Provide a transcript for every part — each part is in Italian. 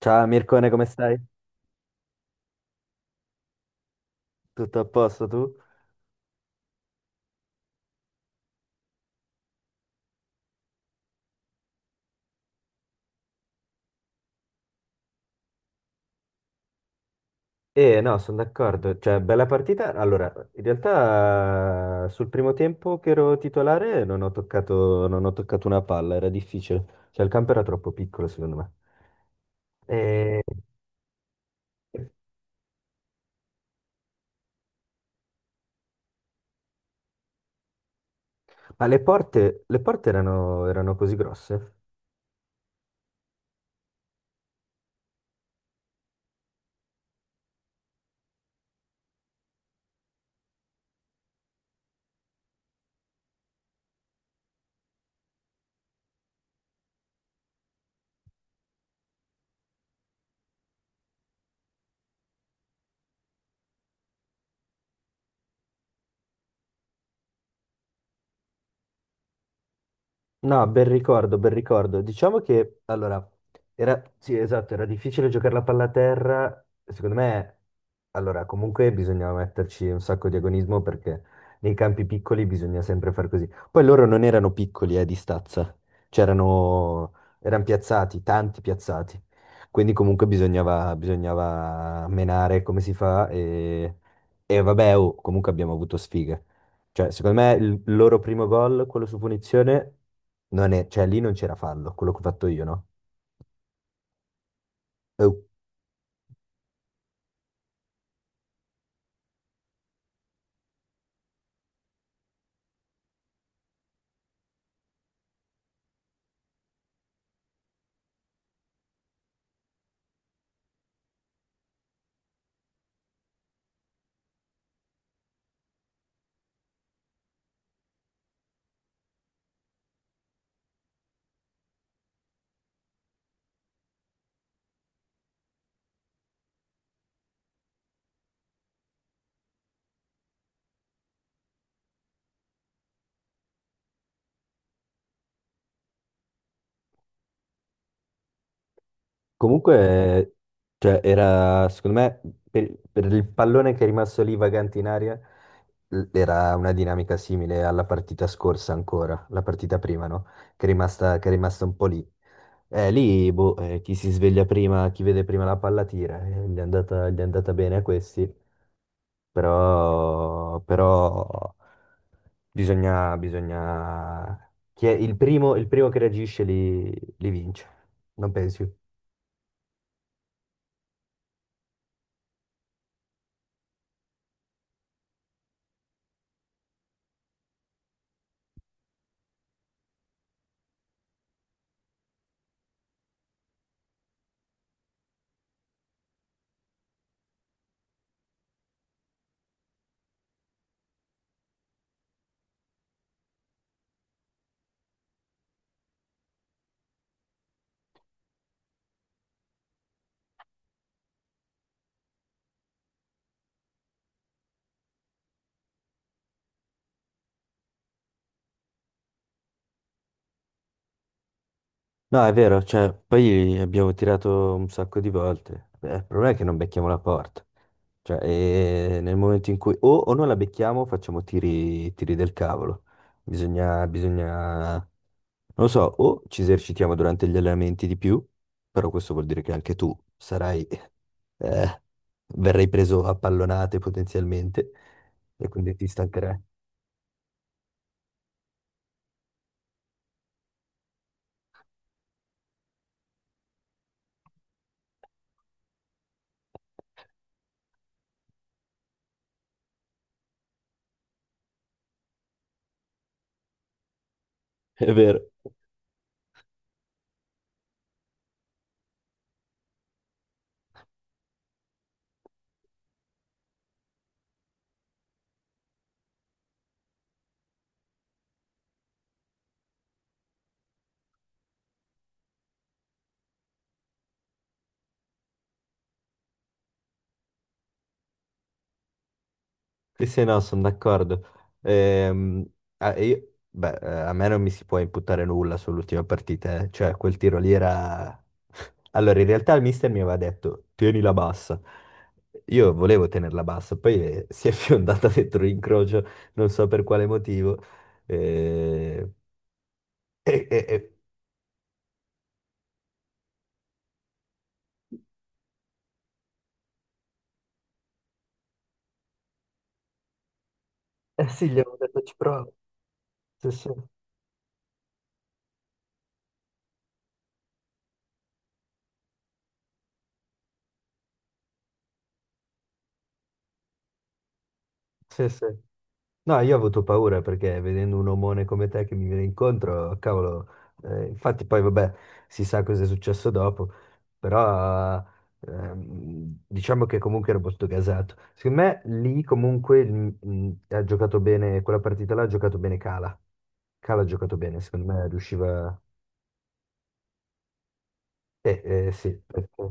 Ciao Mircone, come stai? Tutto a posto tu? No, sono d'accordo, cioè bella partita. Allora, in realtà sul primo tempo che ero titolare non ho toccato una palla, era difficile, cioè il campo era troppo piccolo secondo me. Eh, Ma le porte erano, erano così grosse? No, bel ricordo, bel ricordo. Diciamo che, allora, era, sì, esatto, era difficile giocare la palla a terra. Secondo me, allora, comunque bisognava metterci un sacco di agonismo perché nei campi piccoli bisogna sempre far così. Poi loro non erano piccoli, di stazza. C'erano, erano piazzati, tanti piazzati. Quindi comunque bisognava menare come si fa e vabbè, oh, comunque abbiamo avuto sfiga. Cioè, secondo me il loro primo gol, quello su punizione, non è, cioè lì non c'era fallo, quello che ho fatto io, no? Eh, Comunque, cioè, era, secondo me, per il pallone che è rimasto lì vagante in aria, era una dinamica simile alla partita scorsa ancora, la partita prima, no? Che è rimasta un po' lì. Lì, boh, chi si sveglia prima, chi vede prima la palla tira, gli è andata bene a questi. Però bisogna... Chi è il primo che reagisce li, li vince, non pensi? No, è vero, cioè, poi abbiamo tirato un sacco di volte. Il problema è che non becchiamo la porta. Cioè, nel momento in cui o non la becchiamo, facciamo tiri del cavolo. Bisogna, non lo so, o ci esercitiamo durante gli allenamenti di più, però questo vuol dire che anche tu sarai, eh, verrai preso a pallonate potenzialmente e quindi ti stancherai. È vero. Sì, sì, no, sono d'accordo. Ehm, beh, a me non mi si può imputare nulla sull'ultima partita, eh. Cioè quel tiro lì era... Allora, in realtà il mister mi aveva detto, tienila bassa. Io volevo tenerla bassa, poi si è fiondata dentro l'incrocio, non so per quale motivo. Eh, E, e- e- Eh sì, gli avevo detto ci provo. Sì, sì. Sì, sì. No, io ho avuto paura perché vedendo un omone come te che mi viene incontro, cavolo, infatti poi vabbè, si sa cosa è successo dopo, però diciamo che comunque ero molto gasato. Secondo me lì comunque ha giocato bene, quella partita là ha giocato bene Cala. Cala ha giocato bene, secondo me riusciva... Eh, sì,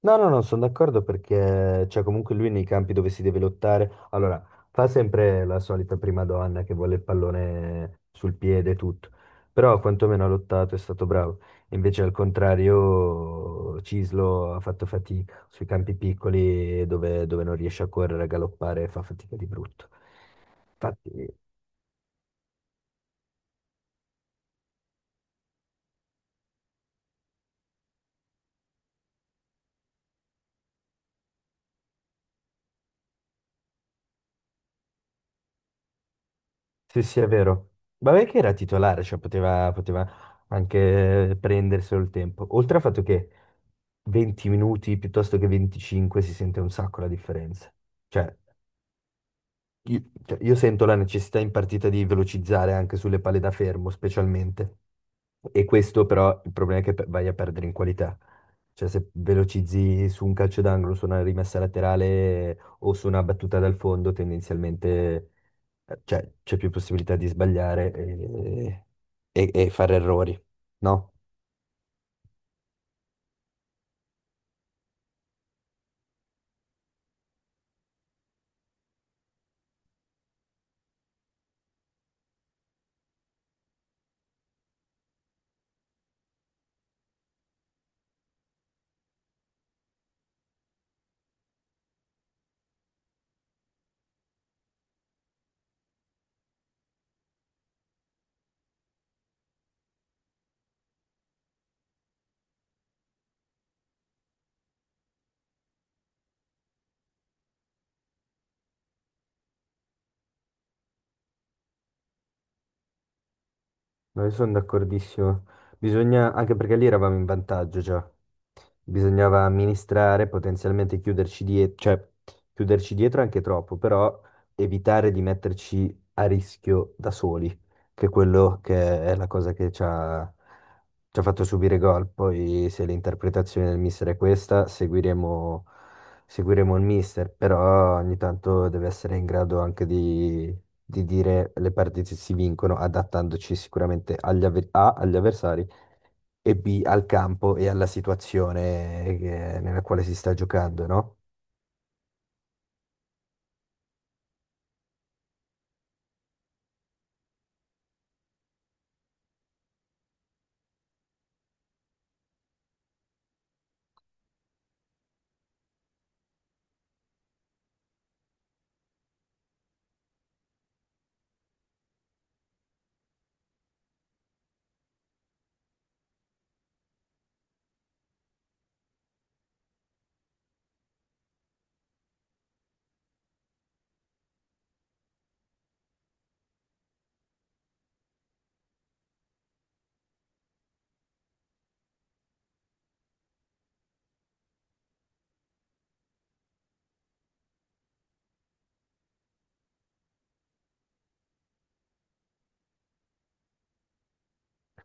no, no, non sono d'accordo perché cioè, comunque lui nei campi dove si deve lottare, allora fa sempre la solita prima donna che vuole il pallone sul piede e tutto, però quantomeno ha lottato, è stato bravo. Invece al contrario Cislo ha fatto fatica sui campi piccoli dove, dove non riesce a correre, a galoppare, fa fatica di brutto. Sì, sì, è vero. Vabbè che era titolare, cioè poteva anche prenderselo il tempo. Oltre al fatto che 20 minuti piuttosto che 25 si sente un sacco la differenza. Cioè, io sento la necessità in partita di velocizzare anche sulle palle da fermo, specialmente. E questo però il problema è che vai a perdere in qualità. Cioè, se velocizzi su un calcio d'angolo, su una rimessa laterale o su una battuta dal fondo, tendenzialmente cioè c'è più possibilità di sbagliare e, e fare errori, no? No, io sono d'accordissimo. Bisogna, anche perché lì eravamo in vantaggio già. Bisognava amministrare, potenzialmente chiuderci dietro, cioè chiuderci dietro anche troppo, però evitare di metterci a rischio da soli, che è quello che è la cosa che ci ha fatto subire gol. Poi se l'interpretazione del mister è questa, seguiremo il mister, però ogni tanto deve essere in grado anche di dire le partite si vincono adattandoci sicuramente agli avversari e B, al campo e alla situazione nella quale si sta giocando, no?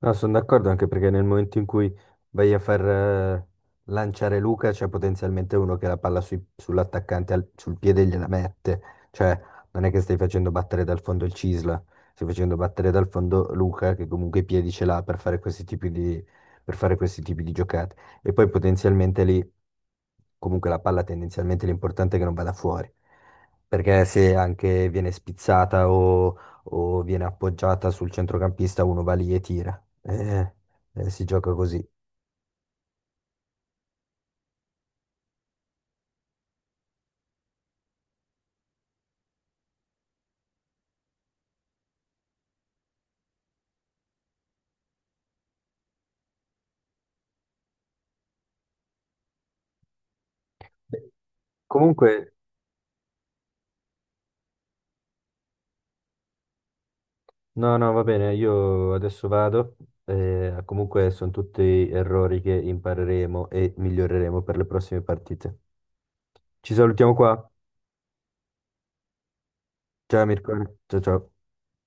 No, sono d'accordo anche perché nel momento in cui vai a far lanciare Luca c'è potenzialmente uno che la palla sull'attaccante sul piede gliela mette, cioè non è che stai facendo battere dal fondo il Cisla, stai facendo battere dal fondo Luca che comunque i piedi ce l'ha per fare questi tipi di, per fare questi tipi di giocate e poi potenzialmente lì comunque la palla tendenzialmente l'importante è che non vada fuori, perché se anche viene spizzata o viene appoggiata sul centrocampista uno va lì e tira. Eh, si gioca così. Beh, comunque, no, no, va bene, io adesso vado. Eh, comunque sono tutti errori che impareremo e miglioreremo per le prossime partite. Ci salutiamo qua. Ciao Mirko. Ciao ciao.